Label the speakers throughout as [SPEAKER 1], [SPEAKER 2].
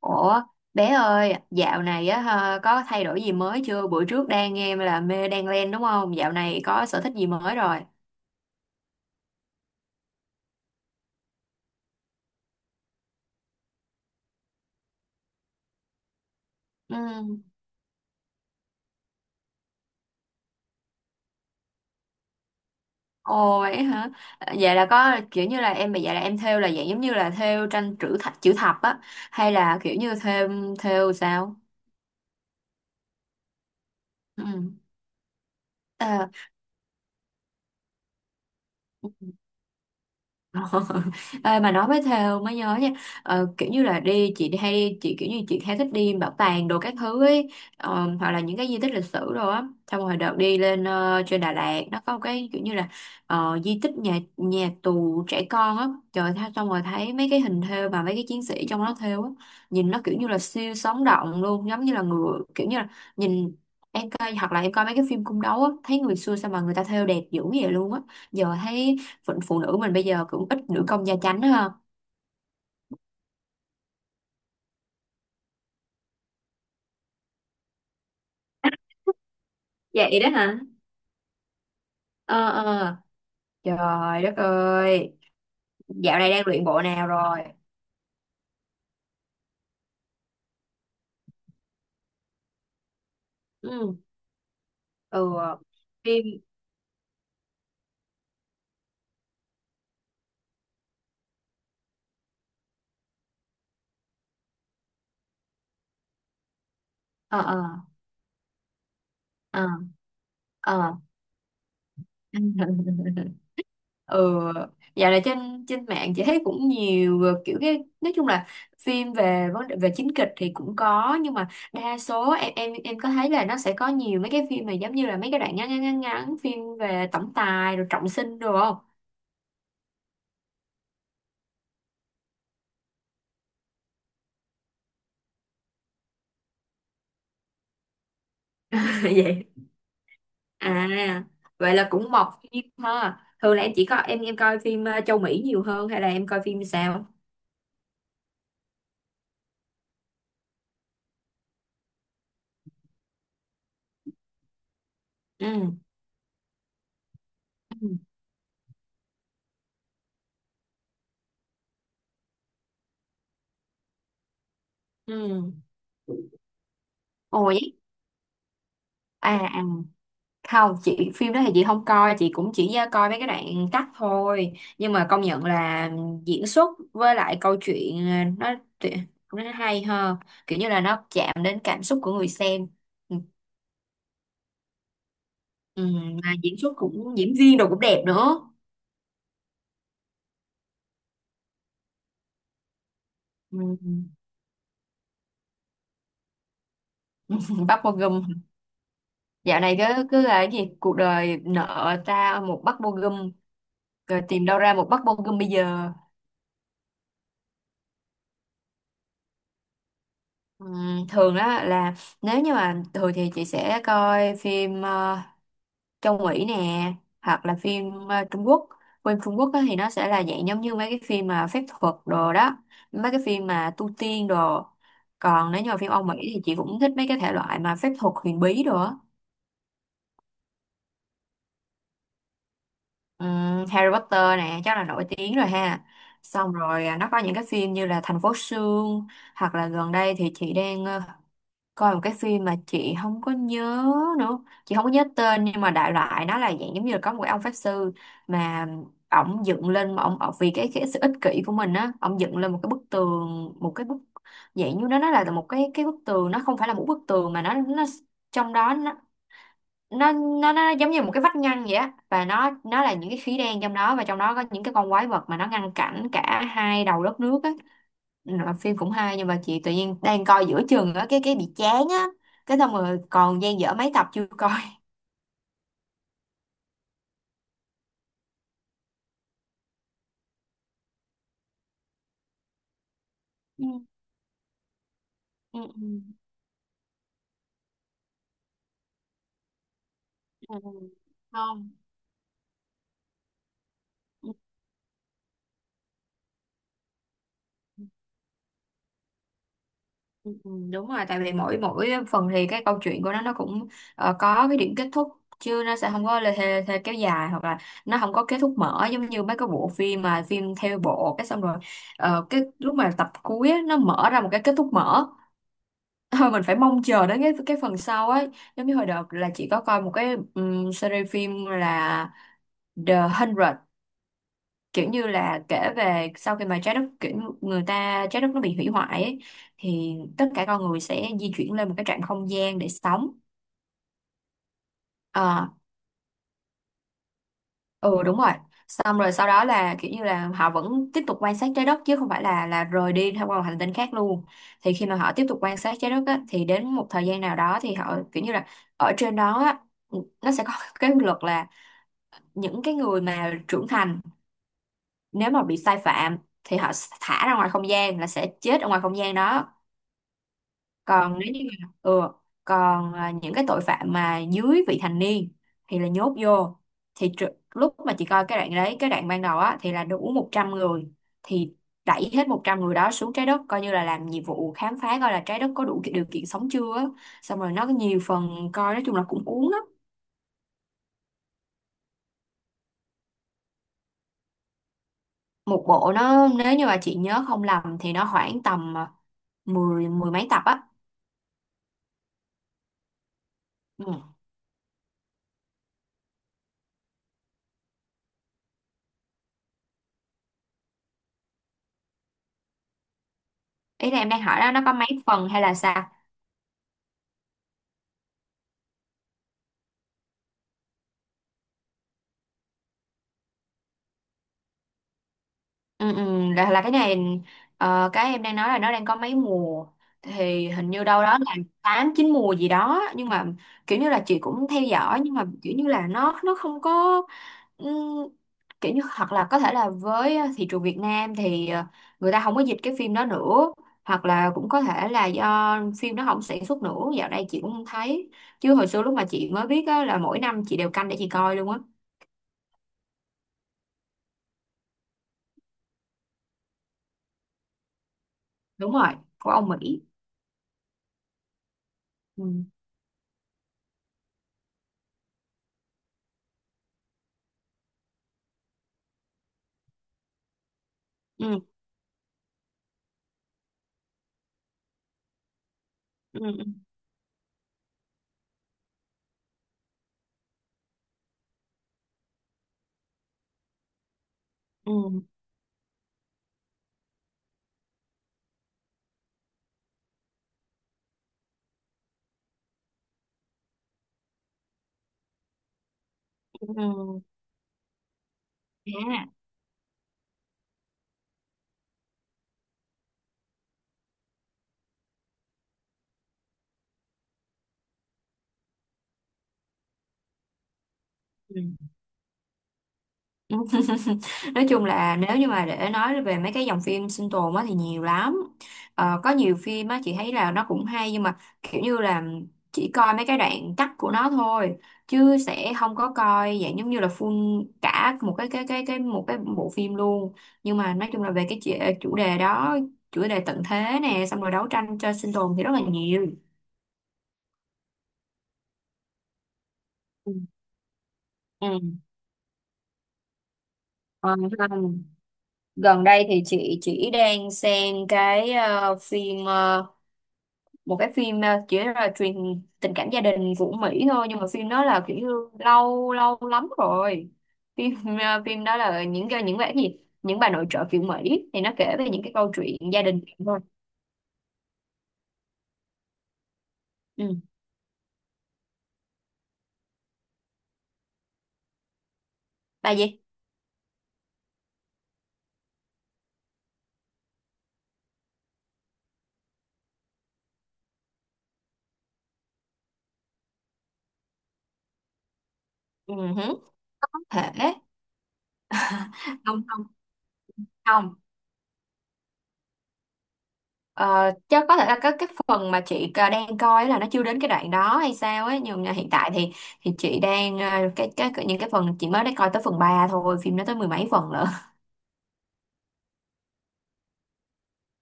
[SPEAKER 1] Ủa, bé ơi, dạo này á ha, có thay đổi gì mới chưa? Bữa trước đang nghe là mê đan len đúng không? Dạo này có sở thích gì mới rồi? Ừ. Ồ vậy hả? Vậy là có kiểu như là em, vậy là em thêu là dạng giống như là thêu tranh chữ thập, chữ thập á, hay là kiểu như thêu, thêu sao? Ừ. Ê, mà nói với Thêu mới nhớ nha. Kiểu như là đi chị, đi hay đi chị, kiểu như chị hay thích đi bảo tàng đồ các thứ ấy, hoặc là những cái di tích lịch sử đồ á, xong rồi đợt đi lên trên Đà Lạt nó có một cái kiểu như là, di tích nhà nhà tù trẻ con á trời tha, xong rồi thấy mấy cái hình thêu mà mấy cái chiến sĩ trong đó thêu á, nhìn nó kiểu như là siêu sống động luôn, giống như là người kiểu như là nhìn. Em coi, hoặc là em coi mấy cái phim cung đấu á, thấy người xưa sao mà người ta thêu đẹp dữ vậy luôn á. Giờ thấy phụ nữ mình bây giờ cũng ít nữ công gia chánh ha. Vậy đó hả? Ờ ờ. Trời đất ơi, dạo này đang luyện bộ nào rồi? Ừ. Ừ. Phim. Ờ ờ. Ờ. Ờ. Ừ, dạo này trên trên mạng chị thấy cũng nhiều, kiểu cái nói chung là phim về vấn đề về chính kịch thì cũng có, nhưng mà đa số em có thấy là nó sẽ có nhiều mấy cái phim mà giống như là mấy cái đoạn ngắn ngắn ngắn ngắn, phim về tổng tài rồi trọng sinh rồi không. Vậy. À, vậy là cũng mọc phim ha. Thường là em chỉ có em coi phim châu Mỹ nhiều hơn hay là em coi phim sao? Ừ. Ừ. Ừ. Ồ vậy. À, à, không chị phim đó thì chị không coi, chị cũng chỉ coi mấy cái đoạn cắt thôi, nhưng mà công nhận là diễn xuất với lại câu chuyện, nó tuyệt- nó hay hơn, kiểu như là nó chạm đến cảm xúc của người xem. Ừ. Ừ, mà diễn xuất cũng diễn viên đồ cũng đẹp nữa. Ừ. Bắt một gùm. Dạo này cứ cứ là cái gì cuộc đời nợ ta một bát bô gum, rồi tìm đâu ra một bát bô gum bây giờ. Thường đó là nếu như mà thường thì chị sẽ coi phim châu Mỹ nè, hoặc là phim Trung Quốc. Phim Trung Quốc á thì nó sẽ là dạng giống như mấy cái phim mà phép thuật đồ đó, mấy cái phim mà tu tiên đồ. Còn nếu như mà phim Âu Mỹ thì chị cũng thích mấy cái thể loại mà phép thuật huyền bí đồ á. Ừ, Harry Potter nè chắc là nổi tiếng rồi ha, xong rồi à, nó có những cái phim như là Thành phố Sương, hoặc là gần đây thì chị đang coi một cái phim mà chị không có nhớ nữa, chị không có nhớ tên, nhưng mà đại loại nó là dạng giống như là có một cái ông pháp sư mà ổng dựng lên, mà ổng ổng vì cái sự ích kỷ của mình á ổng dựng lên một cái bức tường, một cái bức, dạng như nó là một cái bức tường, nó không phải là một bức tường mà nó trong đó nó nó giống như một cái vách ngăn vậy á, và nó là những cái khí đen trong đó, và trong đó có những cái con quái vật mà nó ngăn cản cả hai đầu đất nước á. Rồi phim cũng hay nhưng mà chị tự nhiên đang coi giữa chừng á cái bị chán á, cái xong rồi còn dang dở mấy tập chưa coi. Ừ. Ừ. Ừ. Ừ. Không. Ừ, ừ, đúng rồi tại vì mỗi mỗi phần thì cái câu chuyện của nó cũng có cái điểm kết thúc, chứ nó sẽ không có lê thê, thê kéo dài, hoặc là nó không có kết thúc mở giống như mấy cái bộ phim mà phim theo bộ cái xong rồi, cái lúc mà tập cuối á, nó mở ra một cái kết thúc mở. Thôi mình phải mong chờ đến cái phần sau ấy. Giống như hồi đợt là chị có coi một cái series phim là The 100, kiểu như là kể về sau khi mà trái đất kiểu, người ta trái đất nó bị hủy hoại ấy, thì tất cả con người sẽ di chuyển lên một cái trạng không gian để sống. Ờ, ừ đúng rồi. Xong rồi sau đó là kiểu như là họ vẫn tiếp tục quan sát trái đất, chứ không phải là rời đi theo qua một hành tinh khác luôn. Thì khi mà họ tiếp tục quan sát trái đất á, thì đến một thời gian nào đó thì họ kiểu như là ở trên đó á, nó sẽ có cái luật là những cái người mà trưởng thành nếu mà bị sai phạm thì họ thả ra ngoài không gian là sẽ chết ở ngoài không gian đó. Còn nếu như mà- ừ, còn à, những cái tội phạm mà dưới vị thành niên thì là nhốt vô. Thì tr- lúc mà chị coi cái đoạn đấy cái đoạn ban đầu á thì là đủ 100 người, thì đẩy hết 100 người đó xuống trái đất coi như là làm nhiệm vụ khám phá coi là trái đất có đủ ki- điều kiện sống chưa á. Xong rồi nó có nhiều phần coi, nói chung là cũng cuốn lắm. Một bộ nó nếu như mà chị nhớ không lầm thì nó khoảng tầm mười, mười mấy tập á. Ừ. Ý là em đang hỏi đó, nó có mấy phần hay là sao. Ừ, ừ, là cái này cái em đang nói là nó đang có mấy mùa, thì hình như đâu đó là tám chín mùa gì đó, nhưng mà kiểu như là chị cũng theo dõi nhưng mà kiểu như là nó không có. Ừm, kiểu như hoặc là có thể là với thị trường Việt Nam thì người ta không có dịch cái phim đó nữa, hoặc là cũng có thể là do phim nó không sản xuất nữa, dạo đây chị cũng không thấy, chứ hồi xưa lúc mà chị mới biết á, là mỗi năm chị đều canh để chị coi luôn á. Đúng rồi, của ông Mỹ. Ừ. Ừ. Ừ. Ừ. Ừ. Ừ. À. Ừ. Nói chung là nếu như mà để nói về mấy cái dòng phim sinh tồn á thì nhiều lắm, có nhiều phim á chị thấy là nó cũng hay nhưng mà kiểu như là chỉ coi mấy cái đoạn cắt của nó thôi, chứ sẽ không có coi dạng giống như là full cả một cái một cái bộ phim luôn. Nhưng mà nói chung là về cái chủ chủ đề đó, chủ đề tận thế nè xong rồi đấu tranh cho sinh tồn thì rất là nhiều. Ừ. Ừ. Ờ, gần đây thì chị chỉ đang xem cái phim một cái phim chỉ là truyền tình cảm gia đình của Mỹ thôi, nhưng mà phim đó là kiểu như lâu lâu lắm rồi, phim phim đó là những cái gì, những bà nội trợ kiểu Mỹ, thì nó kể về những cái câu chuyện gia đình thôi. Ừ. Bà gì? Ừ. Hứ. Có thể. Không, không, không. Ờ, chắc có thể là cái phần mà chị đang coi là nó chưa đến cái đoạn đó hay sao ấy, nhưng mà hiện tại thì chị đang à, cái những cái phần chị mới đã coi tới phần 3 thôi, phim nó tới mười mấy phần lận.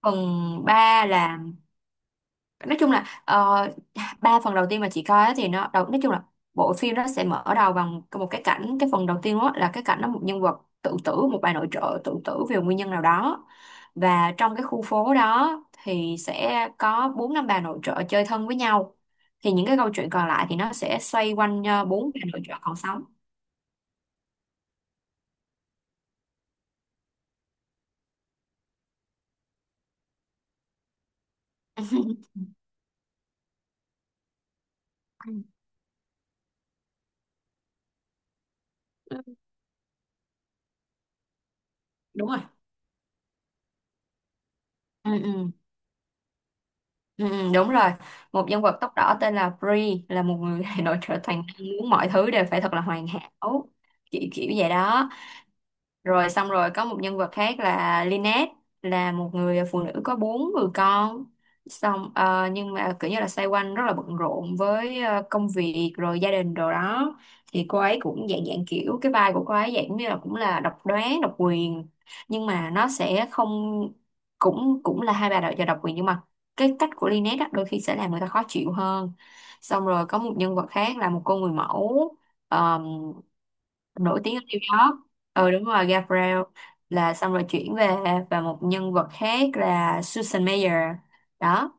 [SPEAKER 1] Phần 3 là, nói chung là ba phần đầu tiên mà chị coi á thì nó đầu nói chung là bộ phim nó sẽ mở đầu bằng một cái cảnh, cái phần đầu tiên đó là cái cảnh đó một nhân vật tự tử, một bà nội trợ tự tử vì nguyên nhân nào đó, và trong cái khu phố đó thì sẽ có bốn năm bà nội trợ chơi thân với nhau, thì những cái câu chuyện còn lại thì nó sẽ xoay quanh bốn bà nội trợ còn sống. Đúng rồi. Ừ, ừ, ừ, ừ, đúng rồi. Một nhân vật tóc đỏ tên là Bree, là một người nội trợ toàn năng muốn mọi thứ đều phải thật là hoàn hảo, kiểu kiểu vậy đó. Rồi xong rồi có một nhân vật khác là Lynette, là một người phụ nữ có bốn người con, xong nhưng mà kiểu như là xoay quanh rất là bận rộn với công việc rồi gia đình đồ đó, thì cô ấy cũng dạng dạng kiểu cái vai của cô ấy dạng như là cũng là độc đoán độc quyền, nhưng mà nó sẽ không, cũng cũng là hai bà đợi và độc quyền nhưng mà cái cách của Lynette á, đôi khi sẽ làm người ta khó chịu hơn. Xong rồi có một nhân vật khác là một cô người mẫu nổi tiếng ở New York, ừ đúng rồi Gabriel, là xong rồi chuyển về, và một nhân vật khác là Susan Mayer đó.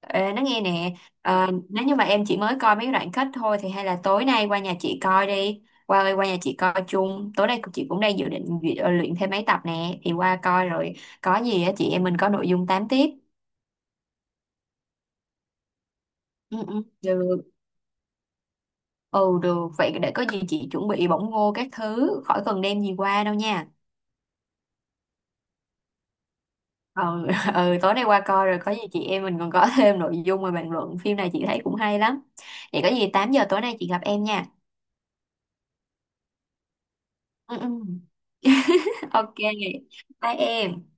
[SPEAKER 1] Ê, nó nghe nè, nếu như mà em chỉ mới coi mấy đoạn kết thôi thì hay là tối nay qua nhà chị coi đi, qua qua nhà chị coi chung tối nay, chị cũng đang dự định duyệt- luyện thêm mấy tập nè thì qua coi rồi, có gì á chị em mình có nội dung tám tiếp. Ừ, ừ, được. Ừ được, vậy để có gì chị chuẩn bị bỏng ngô các thứ khỏi cần đem gì qua đâu nha. Ừ, ừ tối nay qua coi rồi, có gì chị em mình còn có thêm nội dung mà bàn luận phim này, chị thấy cũng hay lắm. Vậy có gì 8 giờ tối nay chị gặp em nha. Ừ, ừ. Ok, bye em.